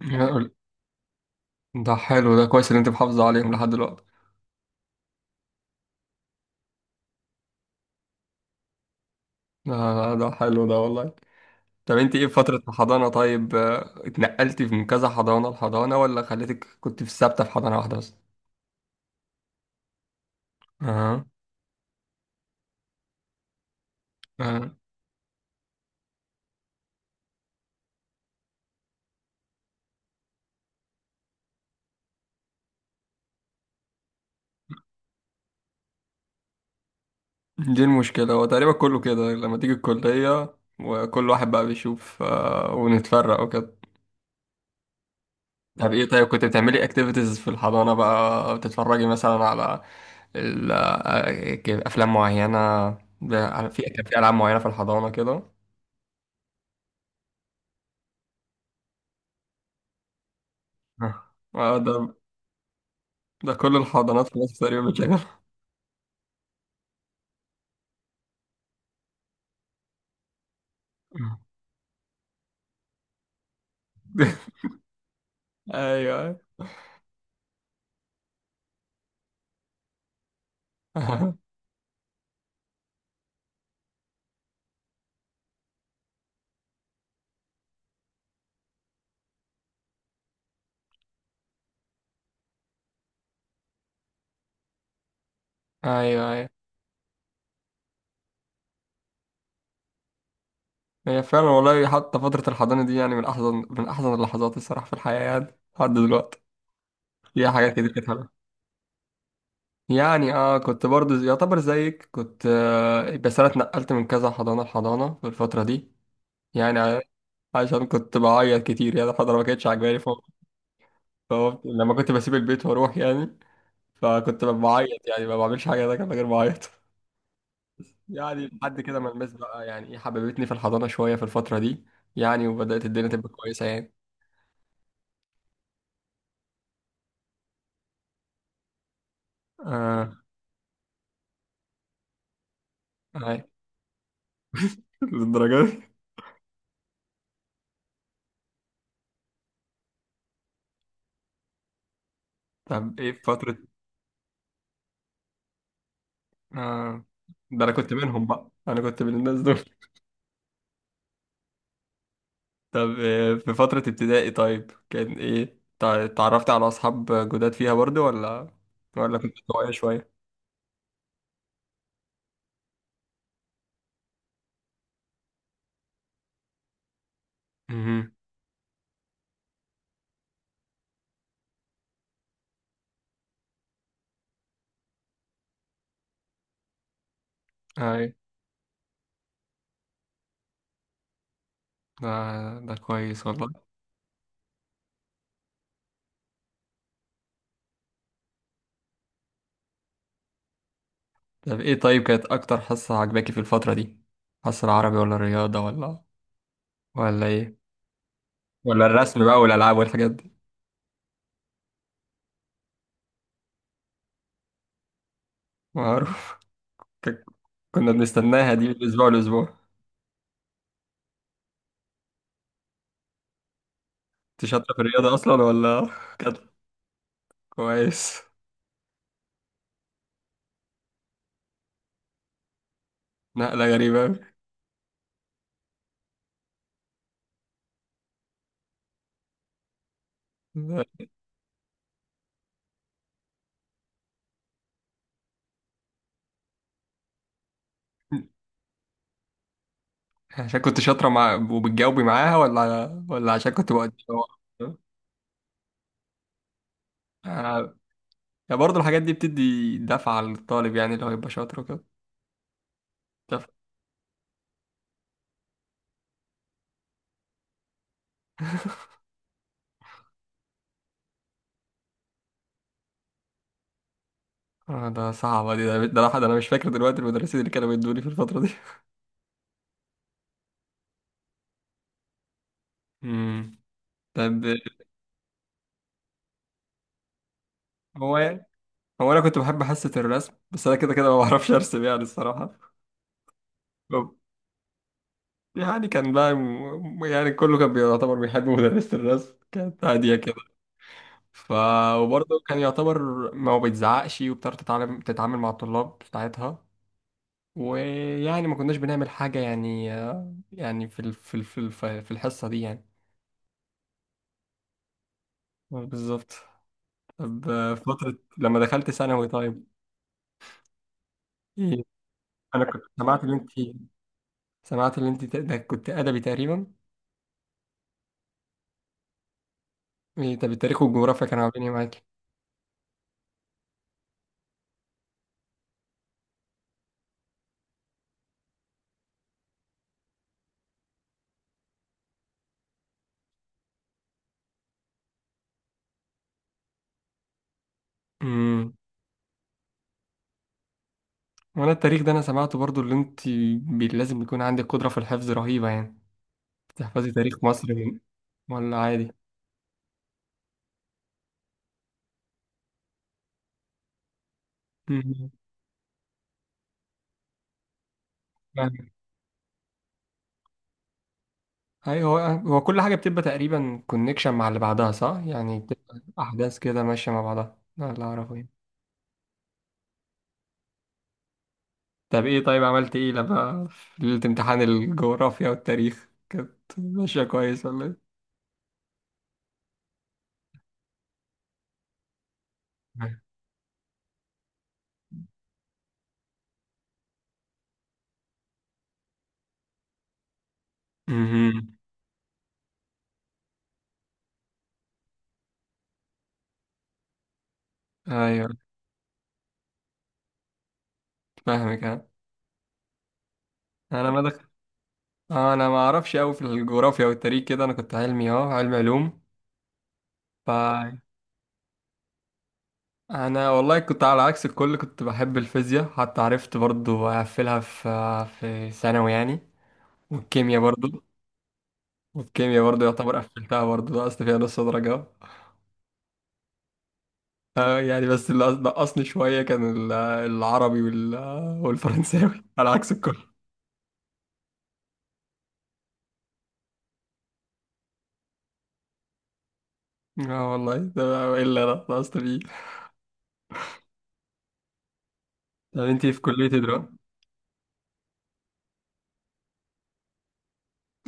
يا- ده حلو، ده كويس ان انت محافظة عليهم لحد دلوقتي. ده حلو ده والله. طب انت ايه في فترة الحضانة؟ طيب، اتنقلتي من كذا حضانة لحضانة ولا خليتك كنت في ثابتة في حضانة واحدة بس؟ اه. اه. دي المشكلة، هو تقريبا كله كده لما تيجي الكلية وكل واحد بقى بيشوف، ونتفرق وكده. طب ايه طيب، كنت بتعملي اكتيفيتيز في الحضانة بقى؟ بتتفرجي مثلا على افلام معينة؟ ب- في كان في العاب معينة في الحضانة كده؟ آه. آه، ده. ده كل الحضانات في مصر تقريبا بتشغل. ايوه، ايوه. ايوه، ايوه. هي فعلا والله، حتى فترة الحضانة دي يعني من أحزن اللحظات الصراحة في الحياة يعني لحد دلوقتي. فيها حاجات كتير كانت حلوة. يعني كنت برضو يعتبر زيك كنت، بس أنا اتنقلت من كذا حضانة لحضانة في الفترة دي. يعني عشان كنت بعيط كتير يعني الحضانة ما كانتش عاجباني، ف- ف- لما كنت بسيب البيت وأروح يعني، فكنت بعيط يعني ما بعملش حاجة ده غير بعيط. يعني لحد كده ما الماس بقى يعني ايه حببتني في الحضانة شوية في الفترة دي، يعني وبدأت الدنيا تبقى كويسة يعني. اه. هاي. للدرجة دي. طب ايه في فترة. اه. ده انا كنت منهم بقى، انا كنت من الناس دول. طب إيه في فترة ابتدائي؟ طيب، كان ايه اتعرفت على اصحاب جداد فيها برضو ولا ولا كنت طوعية شوية؟ امم. هاي. ده ده كويس والله. طب ايه طيب، كانت اكتر حصة عجباكي في الفترة دي؟ حصة العربي ولا الرياضة ولا، ولا ايه؟ ولا الرسم بقى والالعاب والحاجات دي؟ معروف. ك- كنا بنستناها دي من اسبوع لاسبوع. انت شاطره في الرياضه اصلا ولا كانت؟ كويس. نقله غريبه أوي. لا. عشان كنت شاطره مع وبتجاوبي معاها ولا عشان كنت بقعد؟ آه. يعني برضه الحاجات دي بتدي دفعة للطالب يعني اللي هو يبقى شاطر وكده. دفعة. ده صعبة دي، ده الواحد أنا مش فاكر دلوقتي المدرسين اللي كانوا بيدوني في الفترة دي. مم. طب. هو يعني، هو أنا كنت بحب حصة الرسم، بس أنا كده كده ما بعرفش أرسم يعني الصراحة. طب، يعني كان بقى م- يعني كله كان بيعتبر بيحب مدرسة الرسم، كانت هادية كده. ف. وبرضه كان يعتبر، ما هو بيتزعقش وبتعرف تتعلم تتعامل مع الطلاب بتاعتها، ويعني ما كناش بنعمل حاجة يعني، يعني في الحصة دي يعني. بالظبط. طب فترة لما دخلت ثانوي طيب. إيه؟ أنا كنت سمعت إن أنت سمعت إن أنت ده كنت أدبي تقريبا. إيه؟ طب التاريخ والجغرافيا كانوا عاملين إيه؟ معاكي؟ وانا التاريخ ده انا سمعته برضو اللي انت، بي- لازم يكون عندك قدرة في الحفظ رهيبة يعني، تحفظي تاريخ مصر من-. ولا عادي. مم. فاهم. ايوه، هو كل حاجة بتبقى تقريبا كونكشن مع اللي بعدها صح، يعني بتبقى احداث كده ماشية مع بعضها، ده اللي اعرفه يعني. طب ايه طيب، عملت ايه لما في ليلة امتحان الجغرافيا والتاريخ؟ كانت ماشية كويس ولا ايه؟ مم. مهم. ايوه. فاهمك. ها. انا ما دخل... انا ما اعرفش قوي في الجغرافيا والتاريخ كده، انا كنت علمي علم علوم. ف. انا والله كنت على عكس الكل، كنت بحب الفيزياء حتى عرفت برضو اقفلها في ثانوي يعني. والكيمياء برضو. والكيمياء برضو يعتبر قفلتها، برضو نقصت فيها نص درجة. يعني بس اللي نقصني شوية كان العربي والفرنساوي على عكس الكل. اه والله، ده الا انا نقصت فيه. طب انتي في كلية ايه دلوقتي؟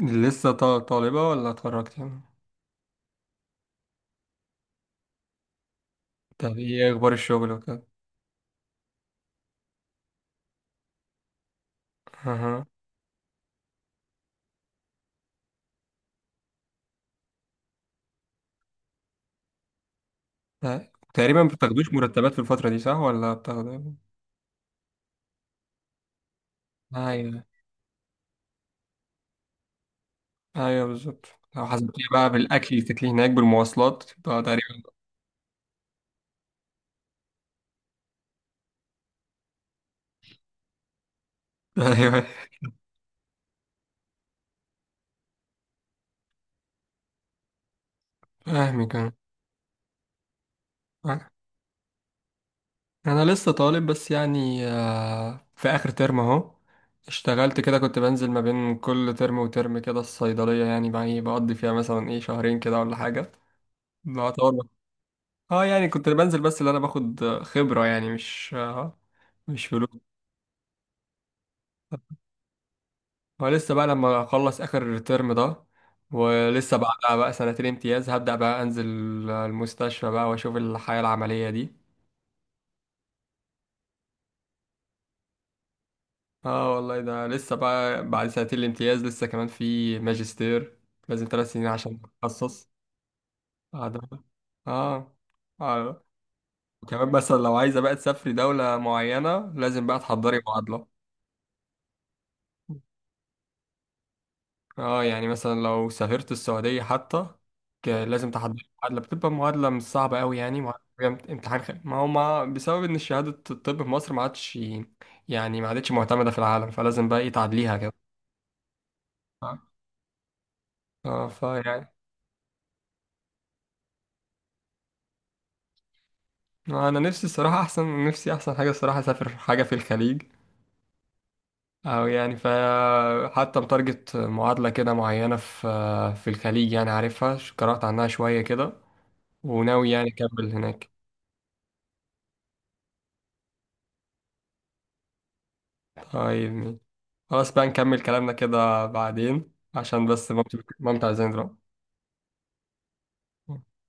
لسه طالبة ولا اتخرجت يعني؟ طب ايه اخبار الشغل وكده؟ اها. تقريبا ما بتاخدوش مرتبات في الفترة دي، صح ولا بتاخدوا؟ ايوه، ايوه، بالظبط. لو حسبتيها بقى بالاكل اللي تاكليه هناك بالمواصلات تبقى تقريبا. ايوه. فاهمك. انا انا لسه طالب بس يعني، في اخر ترم اهو. اشتغلت كده، كنت بنزل ما بين كل ترم وترم كده الصيدليه، يعني بقى إيه، بقضي فيها مثلا ايه شهرين كده ولا حاجه. بعتبر. اه يعني كنت بنزل بس اللي انا باخد خبره يعني مش، مش فلوس. ولسه بقى لما اخلص اخر ترم ده، ولسه بعدها بقى سنتين امتياز هبدأ بقى انزل المستشفى بقى واشوف الحياة العملية دي. اه والله، ده لسه بقى بعد سنتين الامتياز لسه كمان في ماجستير، لازم 3 سنين عشان تتخصص. بعد. اه. اه. وكمان مثلا لو عايزة بقى تسافري دولة معينة لازم بقى تحضري معادلة. اه يعني مثلا لو سافرت السعودية حتى، ك- لازم تحضر معادلة، بتبقى معادلة مش صعبة قوي يعني، معادلة بجد امتحان خ... ما هو ما بسبب ان شهادة الطب في مصر ما عادش، يعني ما عادتش معتمدة في العالم، فلازم بقى ايه تعدليها كده. اه. اه، فيعني. انا نفسي الصراحة احسن، نفسي احسن حاجة الصراحة اسافر حاجة في الخليج، او يعني ف، حتى متارجت معادلة كده معينة في الخليج يعني، عارفها، ش- قرأت عنها شوية كده، وناوي يعني اكمل هناك. طيب. خلاص بقى نكمل كلامنا كده بعدين عشان بس مامتي مامتي عايزين دلوقتي.